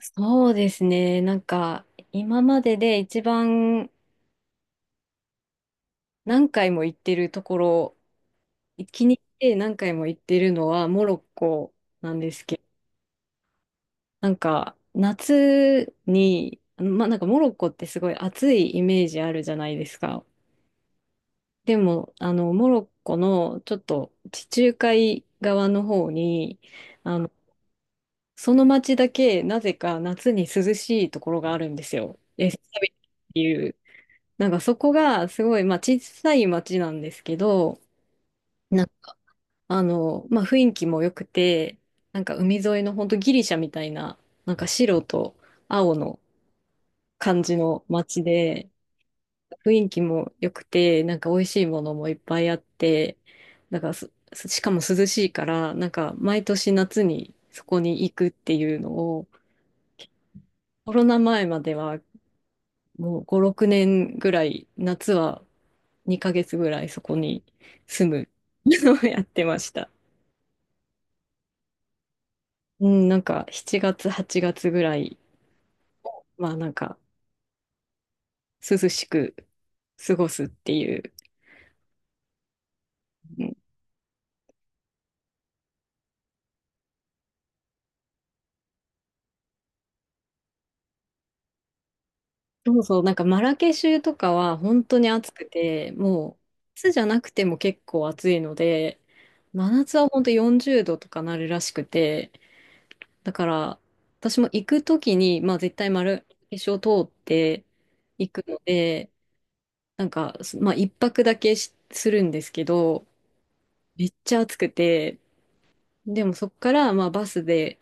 そうですね。なんか、今までで一番何回も行ってるところ、気に入って何回も行ってるのはモロッコなんですけど、なんか、夏に、まあ、なんかモロッコってすごい暑いイメージあるじゃないですか。でも、モロッコのちょっと地中海側の方に、あの、その町だけなぜか夏に涼しいところがあるんですよ。エスタビっていう。なんかそこがすごい、まあ小さい町なんですけど、なんかまあ雰囲気も良くて、なんか海沿いの本当ギリシャみたいな、なんか白と青の感じの町で、雰囲気も良くて、なんか美味しいものもいっぱいあって、なんかしかも涼しいから、なんか毎年夏にそこに行くっていうのを、コロナ前まではもう5、6年ぐらい夏は2ヶ月ぐらいそこに住むのをやってました。うん、なんか7月、8月ぐらい、まあなんか涼しく過ごすっていう。うん、そうそう、なんかマラケシュとかは本当に暑くて、もう夏じゃなくても結構暑いので、真夏は本当40度とかなるらしくて、だから私も行くときに、まあ絶対マラケシュを通って行くので、なんか、まあ、一泊だけするんですけど、めっちゃ暑くて、でもそこから、まあ、バスで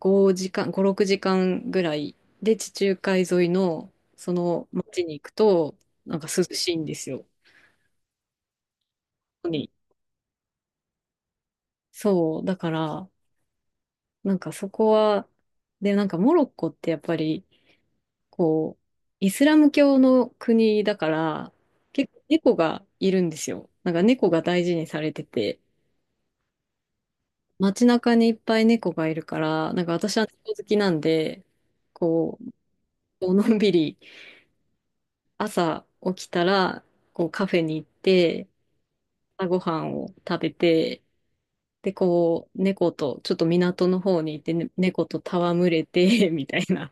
5時間、5、6時間ぐらいで地中海沿いのその町に行くと、なんか涼しいんですよ。にそう、だから、なんかそこは、で、なんかモロッコってやっぱり、こう、イスラム教の国だから、結構猫がいるんですよ。なんか猫が大事にされてて、街中にいっぱい猫がいるから、なんか私は猫好きなんで、こう、のんびり朝起きたら、こうカフェに行って、朝ごはんを食べて、で、こう、猫と、ちょっと港の方に行って、猫と戯れて、みたいな。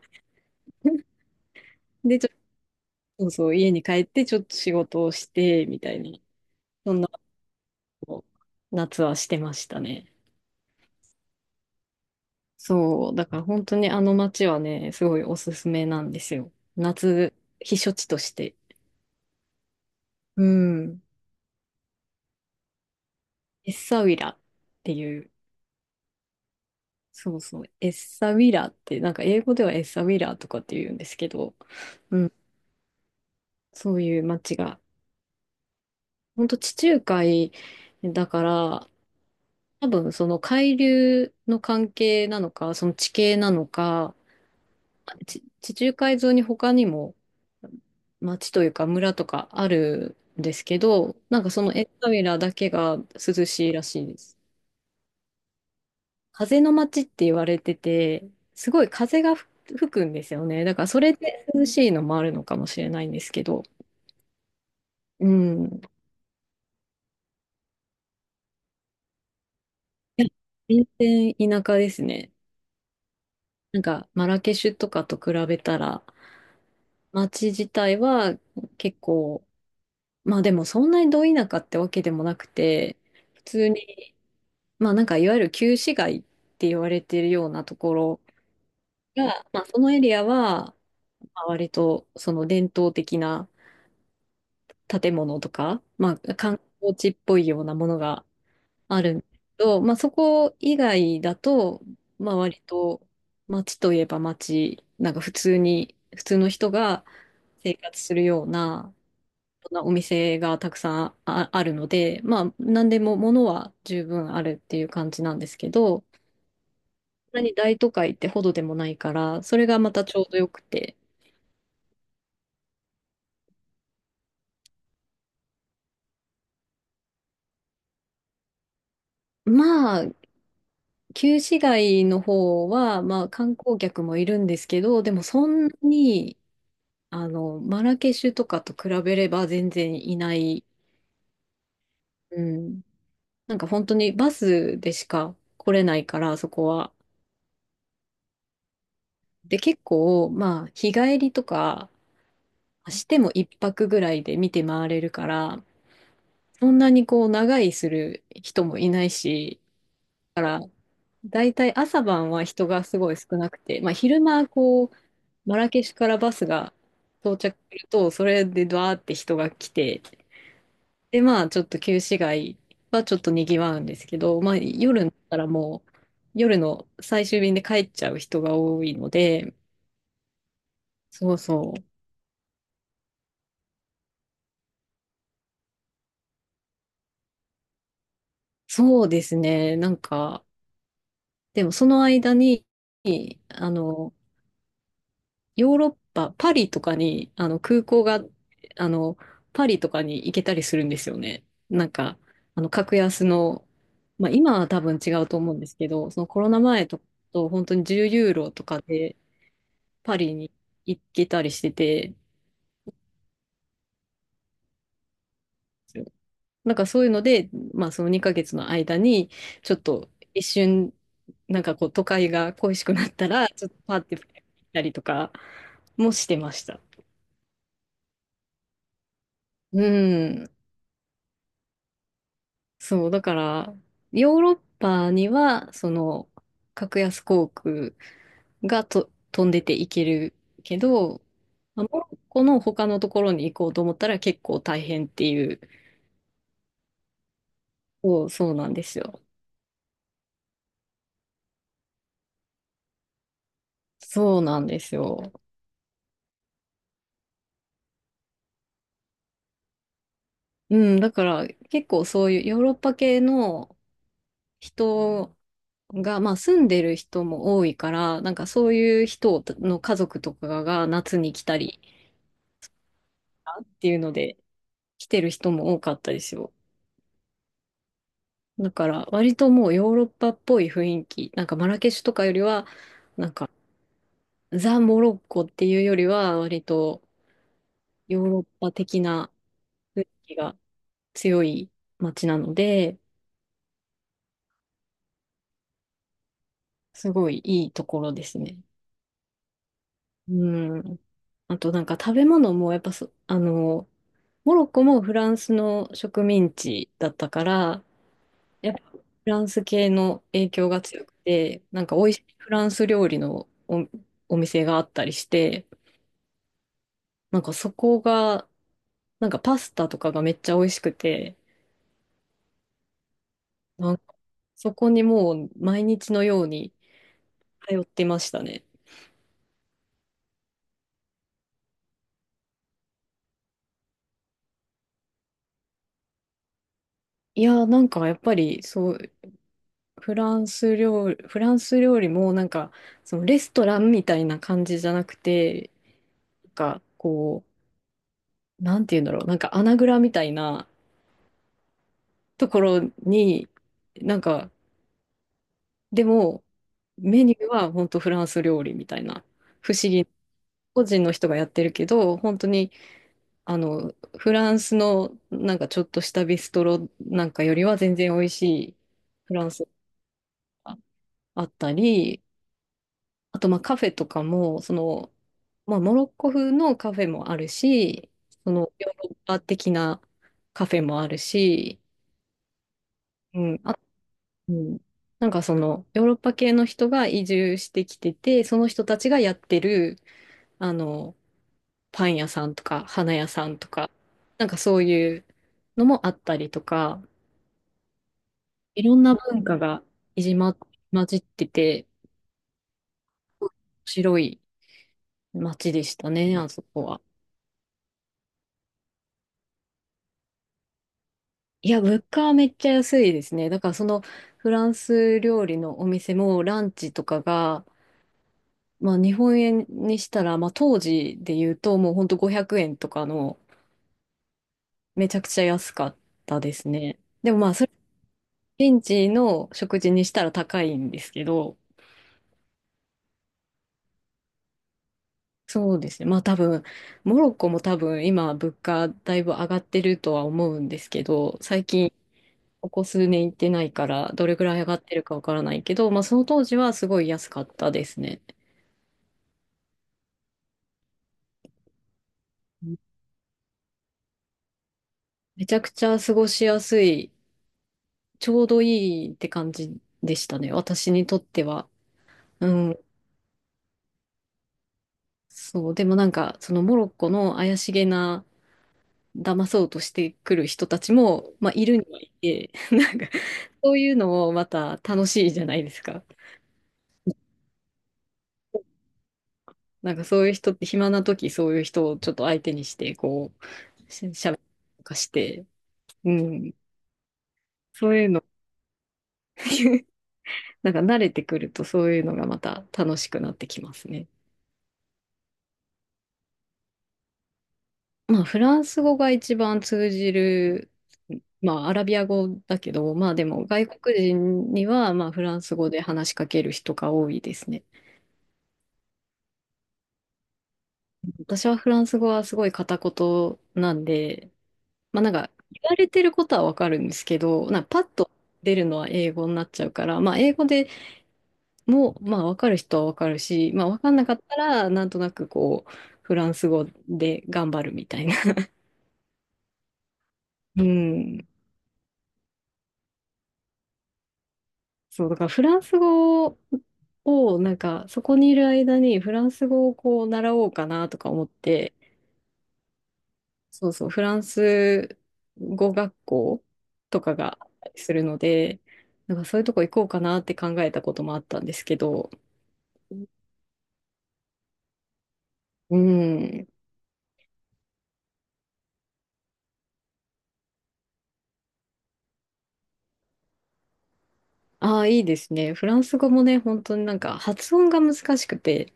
で、ちょっと、そうそう、家に帰って、ちょっと仕事をして、みたいな、そんなことを夏はしてましたね。そう、だから本当にあの街はね、すごいおすすめなんですよ。夏、避暑地として。うん。エッサウィラっていう、そうそう、エッサウィラって、なんか英語ではエッサウィラとかって言うんですけど、うん。そういう街が、ほんと地中海だから、多分その海流の関係なのか、その地形なのか、地中海沿いに他にも町というか村とかあるんですけど、なんかそのエッサウィラだけが涼しいらしいです。風の街って言われてて、すごい風が吹くんですよね。だからそれで涼しいのもあるのかもしれないんですけど、うん。いや、全然田舎ですね。なんかマラケシュとかと比べたら、街自体は結構、まあでもそんなにど田舎ってわけでもなくて、普通に、まあなんかいわゆる旧市街って言われてるようなところが、まあそのエリアは、まあ割とその伝統的な建物とか、まあ、観光地っぽいようなものがあるんですけど、まあ、そこ以外だと、まあ、割と街といえば街、なんか普通に、普通の人が生活するような、そんなお店がたくさんあるので、まあ、何でも物は十分あるっていう感じなんですけど、そんなに大都会ってほどでもないから、それがまたちょうどよくて、まあ、旧市街の方は、まあ、観光客もいるんですけど、でもそんなに、マラケシュとかと比べれば全然いない。うん。なんか本当にバスでしか来れないから、そこは。で、結構、まあ、日帰りとかしても一泊ぐらいで見て回れるから、そんなにこう、長居する人もいないし、大体朝晩は人がすごい少なくて、まあ、昼間こうマラケシュからバスが到着するとそれでドワーって人が来て、でまあちょっと旧市街はちょっとにぎわうんですけど、まあ、夜になったらもう夜の最終便で帰っちゃう人が多いので。そうそう。そうですね。なんかでもその間にあのヨーロッパ、パリとかに、空港が、あの、パリとかに行けたりするんですよね。なんか、格安の、まあ、今は多分違うと思うんですけど、そのコロナ前と、本当に10ユーロとかでパリに行けたりしてて、なんかそういうので、まあ、その2ヶ月の間に、ちょっと一瞬、なんかこう、都会が恋しくなったら、ちょっとパーって行ったりとかもしてました。うん。そう、だから、ヨーロッパには、その、格安航空が飛んでていけるけど、まあモロッコの他のところに行こうと思ったら結構大変っていう。そう、そうなんですよ。そうなんですよ。うん、だから結構そういうヨーロッパ系の人が、まあ住んでる人も多いから、なんかそういう人の家族とかが夏に来たりっていうので来てる人も多かったですよ。だから割ともうヨーロッパっぽい雰囲気、なんかマラケシュとかよりは、なんかザ・モロッコっていうよりは割とヨーロッパ的な雰囲気が強い街なので、すごいいいところですね。うん。あとなんか食べ物もやっぱそ、あの、モロッコもフランスの植民地だったから、やっぱフランス系の影響が強くて、なんか美味しいフランス料理のお店があったりして、なんかそこが、なんかパスタとかがめっちゃ美味しくて、なんかそこにもう毎日のように通ってましたね。いやーなんかやっぱりそう、フランス料理もなんかそのレストランみたいな感じじゃなくて、なんかこう、なんて言うんだろう、なんか穴蔵みたいなところに、なんかでもメニューは本当フランス料理みたいな、不思議、個人の人がやってるけど、本当にあの、フランスのなんかちょっとしたビストロなんかよりは全然美味しいフランスがあったり、あとまあカフェとかも、その、まあモロッコ風のカフェもあるし、そのヨーロッパ的なカフェもあるし、うん、あ、うん、なんかそのヨーロッパ系の人が移住してきてて、その人たちがやってる、あの、パン屋さんとか花屋さんとか、なんかそういうのもあったりとか、いろんな文化がいじま、混じってて、面白い街でしたね、あそこは。いや、物価はめっちゃ安いですね。だからそのフランス料理のお店もランチとかが、まあ日本円にしたら、まあ当時で言うともうほんと500円とかの、めちゃくちゃ安かったですね。でもまあそれ現地の食事にしたら高いんですけど、そうですね。まあ多分、モロッコも多分今物価だいぶ上がってるとは思うんですけど、最近ここ数年行ってないからどれぐらい上がってるかわからないけど、まあその当時はすごい安かったですね。めちゃくちゃ過ごしやすい、ちょうどいいって感じでしたね。私にとっては。うん。そう。でもなんか、そのモロッコの怪しげな、騙そうとしてくる人たちも、まあいるにはいて、なんか、そういうのもまた楽しいじゃないですか。なんかそういう人って、暇な時そういう人をちょっと相手にして、こう、しゃべりとかして、うん。そういうの、なんか慣れてくるとそういうのがまた楽しくなってきますね。まあフランス語が一番通じる、まあアラビア語だけど、まあでも外国人にはまあフランス語で話しかける人が多いですね。私はフランス語はすごい片言なんで、まあなんか言われてることはわかるんですけど、なんかパッと出るのは英語になっちゃうから、まあ英語でも、まあ、わかる人はわかるし、まあ、わかんなかったら、なんとなくこう、フランス語で頑張るみたいな。うん。そう、だからフランス語を、なんか、そこにいる間にフランス語をこう、習おうかなとか思って、そうそう、フランス語学校とかがあったりするので、なんかそういうとこ行こうかなって考えたこともあったんですけど、うん。ああ、いいですね。フランス語もね、本当になんか発音が難しくて、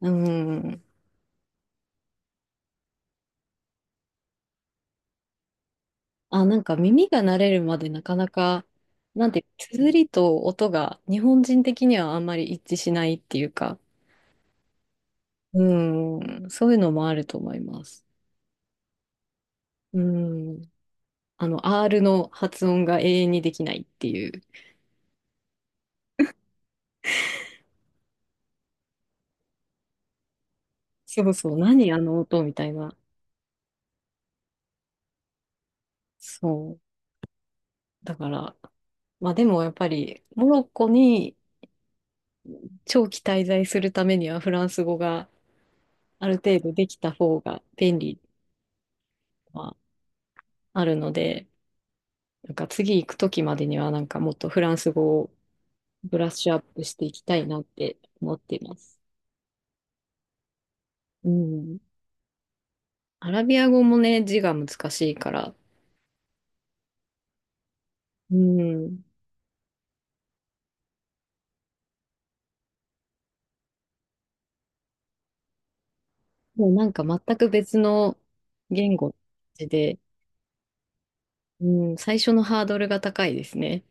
うん。あ、なんか耳が慣れるまでなかなか、なんて、綴りと音が日本人的にはあんまり一致しないっていうか、うん、そういうのもあると思います。うん、R の発音が永遠にできないっていう。そうそう、何あの音みたいな。そう。だから、まあでもやっぱり、モロッコに長期滞在するためにはフランス語がある程度できた方が便利はあるので、なんか次行くときまでにはなんかもっとフランス語をブラッシュアップしていきたいなって思っています。うん。アラビア語もね、字が難しいから、うん。もうなんか全く別の言語で、うん、最初のハードルが高いですね。